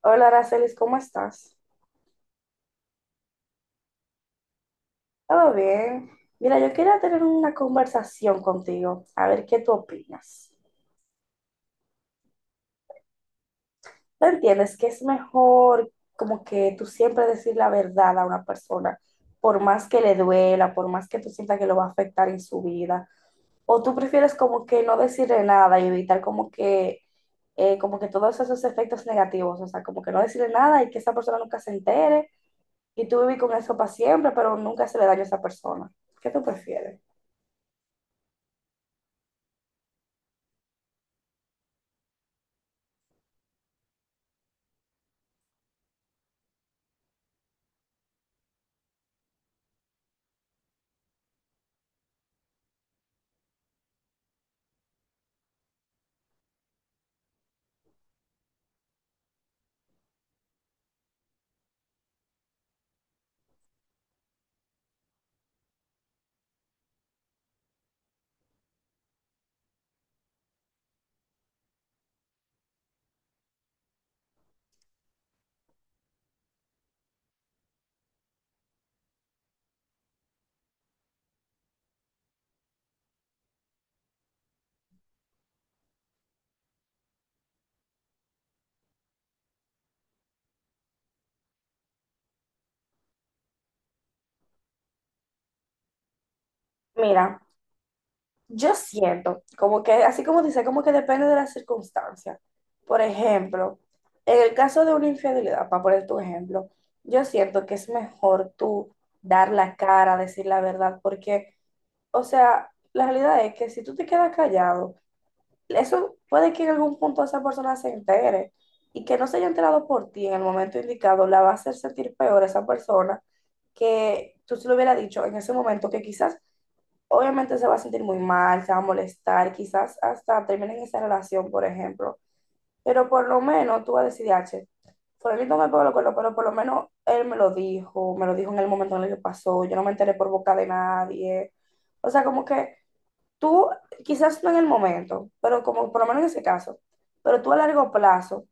Hola, Aracelis, ¿cómo estás? ¿Todo bien? Mira, yo quería tener una conversación contigo, a ver qué tú opinas. ¿Tú entiendes que es mejor como que tú siempre decir la verdad a una persona, por más que le duela, por más que tú sientas que lo va a afectar en su vida? ¿O tú prefieres como que no decirle nada y evitar como que todos esos efectos negativos? O sea, como que no decirle nada y que esa persona nunca se entere y tú vivir con eso para siempre, pero nunca se le daño a esa persona. ¿Qué tú prefieres? Mira, yo siento como que, así como dice, como que depende de la circunstancia. Por ejemplo, en el caso de una infidelidad, para poner tu ejemplo, yo siento que es mejor tú dar la cara, decir la verdad, porque, o sea, la realidad es que si tú te quedas callado, eso puede que en algún punto esa persona se entere y que no se haya enterado por ti en el momento indicado, la va a hacer sentir peor a esa persona que tú se lo hubiera dicho en ese momento que quizás. Obviamente se va a sentir muy mal, se va a molestar, quizás hasta terminen esa relación, por ejemplo. Pero por lo menos tú vas a decir, H, fulanito me pegó los cuernos, pero por lo menos él me lo dijo en el momento en el que pasó, yo no me enteré por boca de nadie. O sea, como que tú, quizás no en el momento, pero como por lo menos en ese caso, pero tú a largo plazo,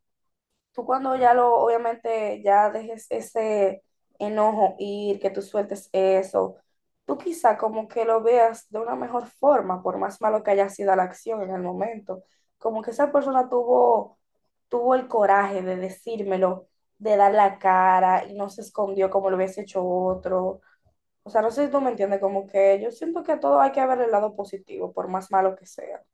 tú cuando ya lo, obviamente, ya dejes ese enojo ir, que tú sueltes eso, tú quizá como que lo veas de una mejor forma, por más malo que haya sido la acción en el momento, como que esa persona tuvo, tuvo el coraje de decírmelo, de dar la cara y no se escondió como lo hubiese hecho otro. O sea, no sé si tú me entiendes, como que yo siento que a todo hay que ver el lado positivo, por más malo que sea.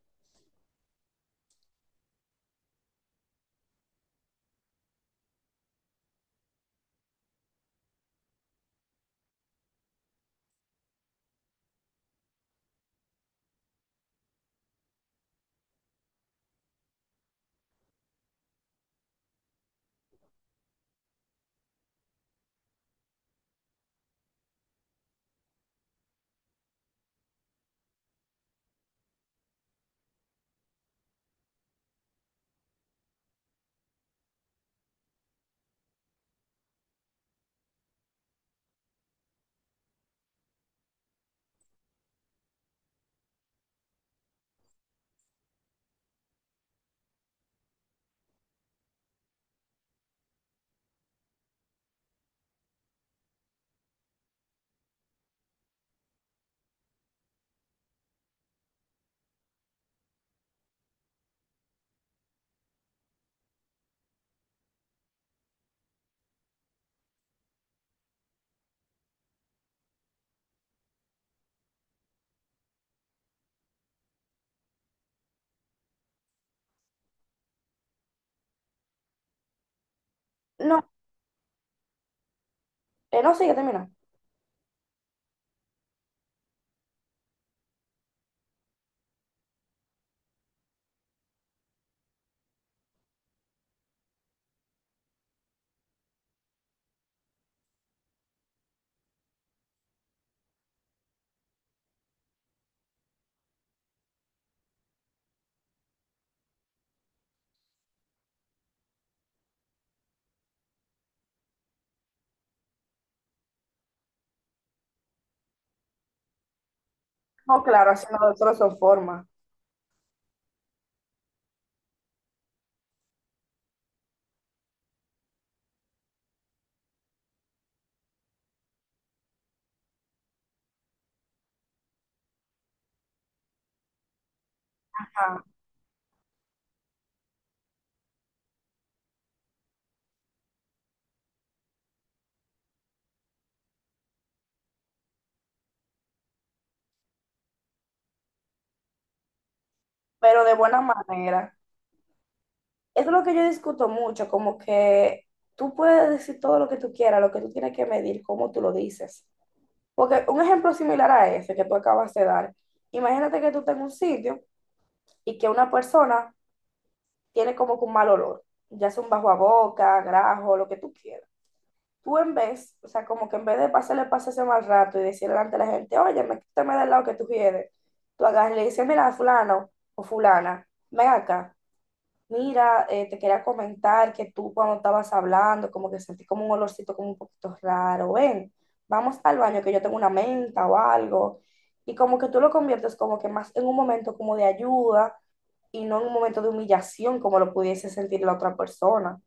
No, no, sí, ya termina. No, claro, así no, solo son formas. Ajá, pero de buena manera. Eso es lo que yo discuto mucho, como que tú puedes decir todo lo que tú quieras, lo que tú tienes que medir, cómo tú lo dices. Porque un ejemplo similar a ese que tú acabas de dar, imagínate que tú estás en un sitio y que una persona tiene como que un mal olor, ya sea un bajo a boca, grajo, lo que tú quieras. Tú en vez, o sea, como que en vez de pasarle pase ese mal rato y decirle delante a la gente, oye, me quítame del lado que tú quieres, tú agarras y le dices, mira, fulano o fulana, ven acá. Mira, te quería comentar que tú cuando estabas hablando, como que sentí como un olorcito como un poquito raro. Ven, vamos al baño que yo tengo una menta o algo. Y como que tú lo conviertes como que más en un momento como de ayuda y no en un momento de humillación como lo pudiese sentir la otra persona,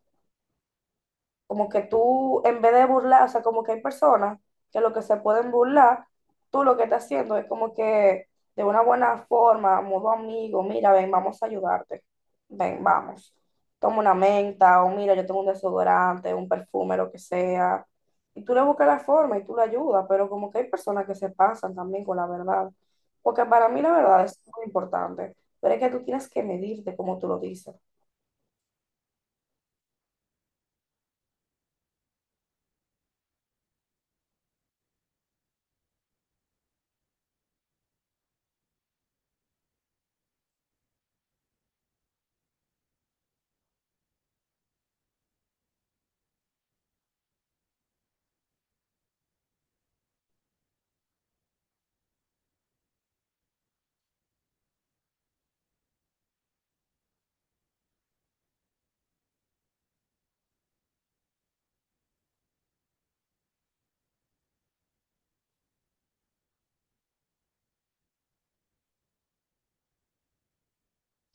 como que tú, en vez de burlar, o sea, como que hay personas que lo que se pueden burlar, tú lo que estás haciendo es como que de una buena forma, modo amigo, mira, ven, vamos a ayudarte, ven, vamos, toma una menta, o mira, yo tengo un desodorante, un perfume, lo que sea, y tú le buscas la forma y tú le ayudas, pero como que hay personas que se pasan también con la verdad, porque para mí la verdad es muy importante, pero es que tú tienes que medirte como tú lo dices.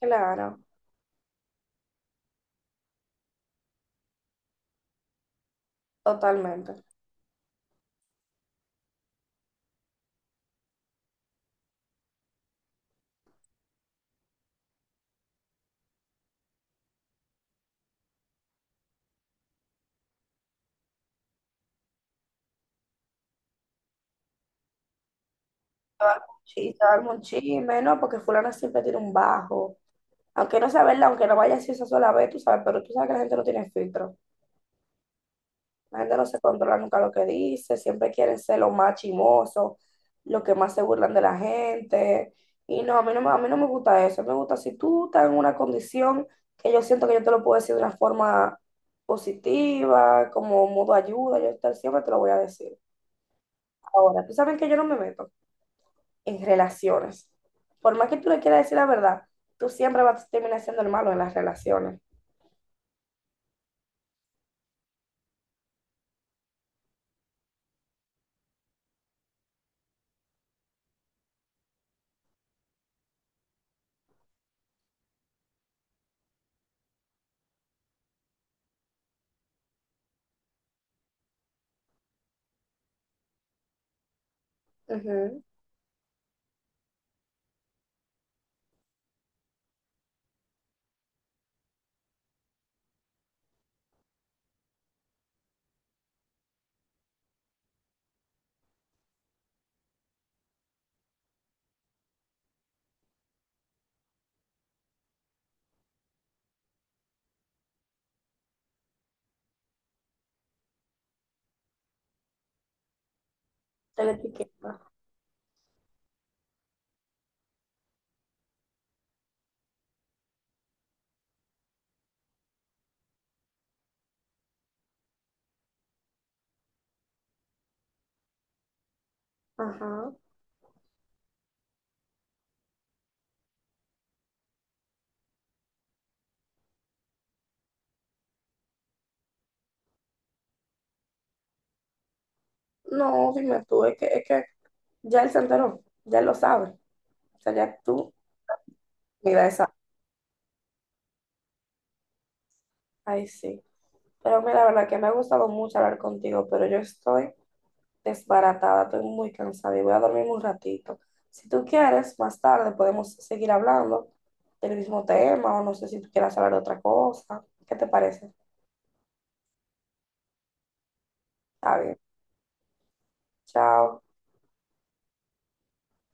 Claro, totalmente. Sí, se arma un chisme, ¿no? Porque fulana siempre tiene un bajo. Aunque no sea verdad, aunque no vaya así esa sola vez, tú sabes, pero tú sabes que la gente no tiene filtro. La gente no se controla nunca lo que dice, siempre quieren ser los más chimosos, los que más se burlan de la gente. Y no, a mí no, a mí no me gusta eso. Me gusta si tú estás en una condición que yo siento que yo te lo puedo decir de una forma positiva, como modo ayuda, siempre te lo voy a decir. Ahora, tú sabes que yo no me meto en relaciones. Por más que tú le quieras decir la verdad, tú siempre vas a terminar siendo el malo en las relaciones. Ujú. Te la etiqueta. Ajá. No, dime tú, es que ya él se enteró, ya él lo sabe. O sea, ya tú, mira esa. Ay, sí. Pero mira, la verdad que me ha gustado mucho hablar contigo, pero yo estoy desbaratada, estoy muy cansada y voy a dormir un ratito. Si tú quieres, más tarde podemos seguir hablando del mismo tema o no sé si tú quieras hablar de otra cosa. ¿Qué te parece? Está bien. Chao.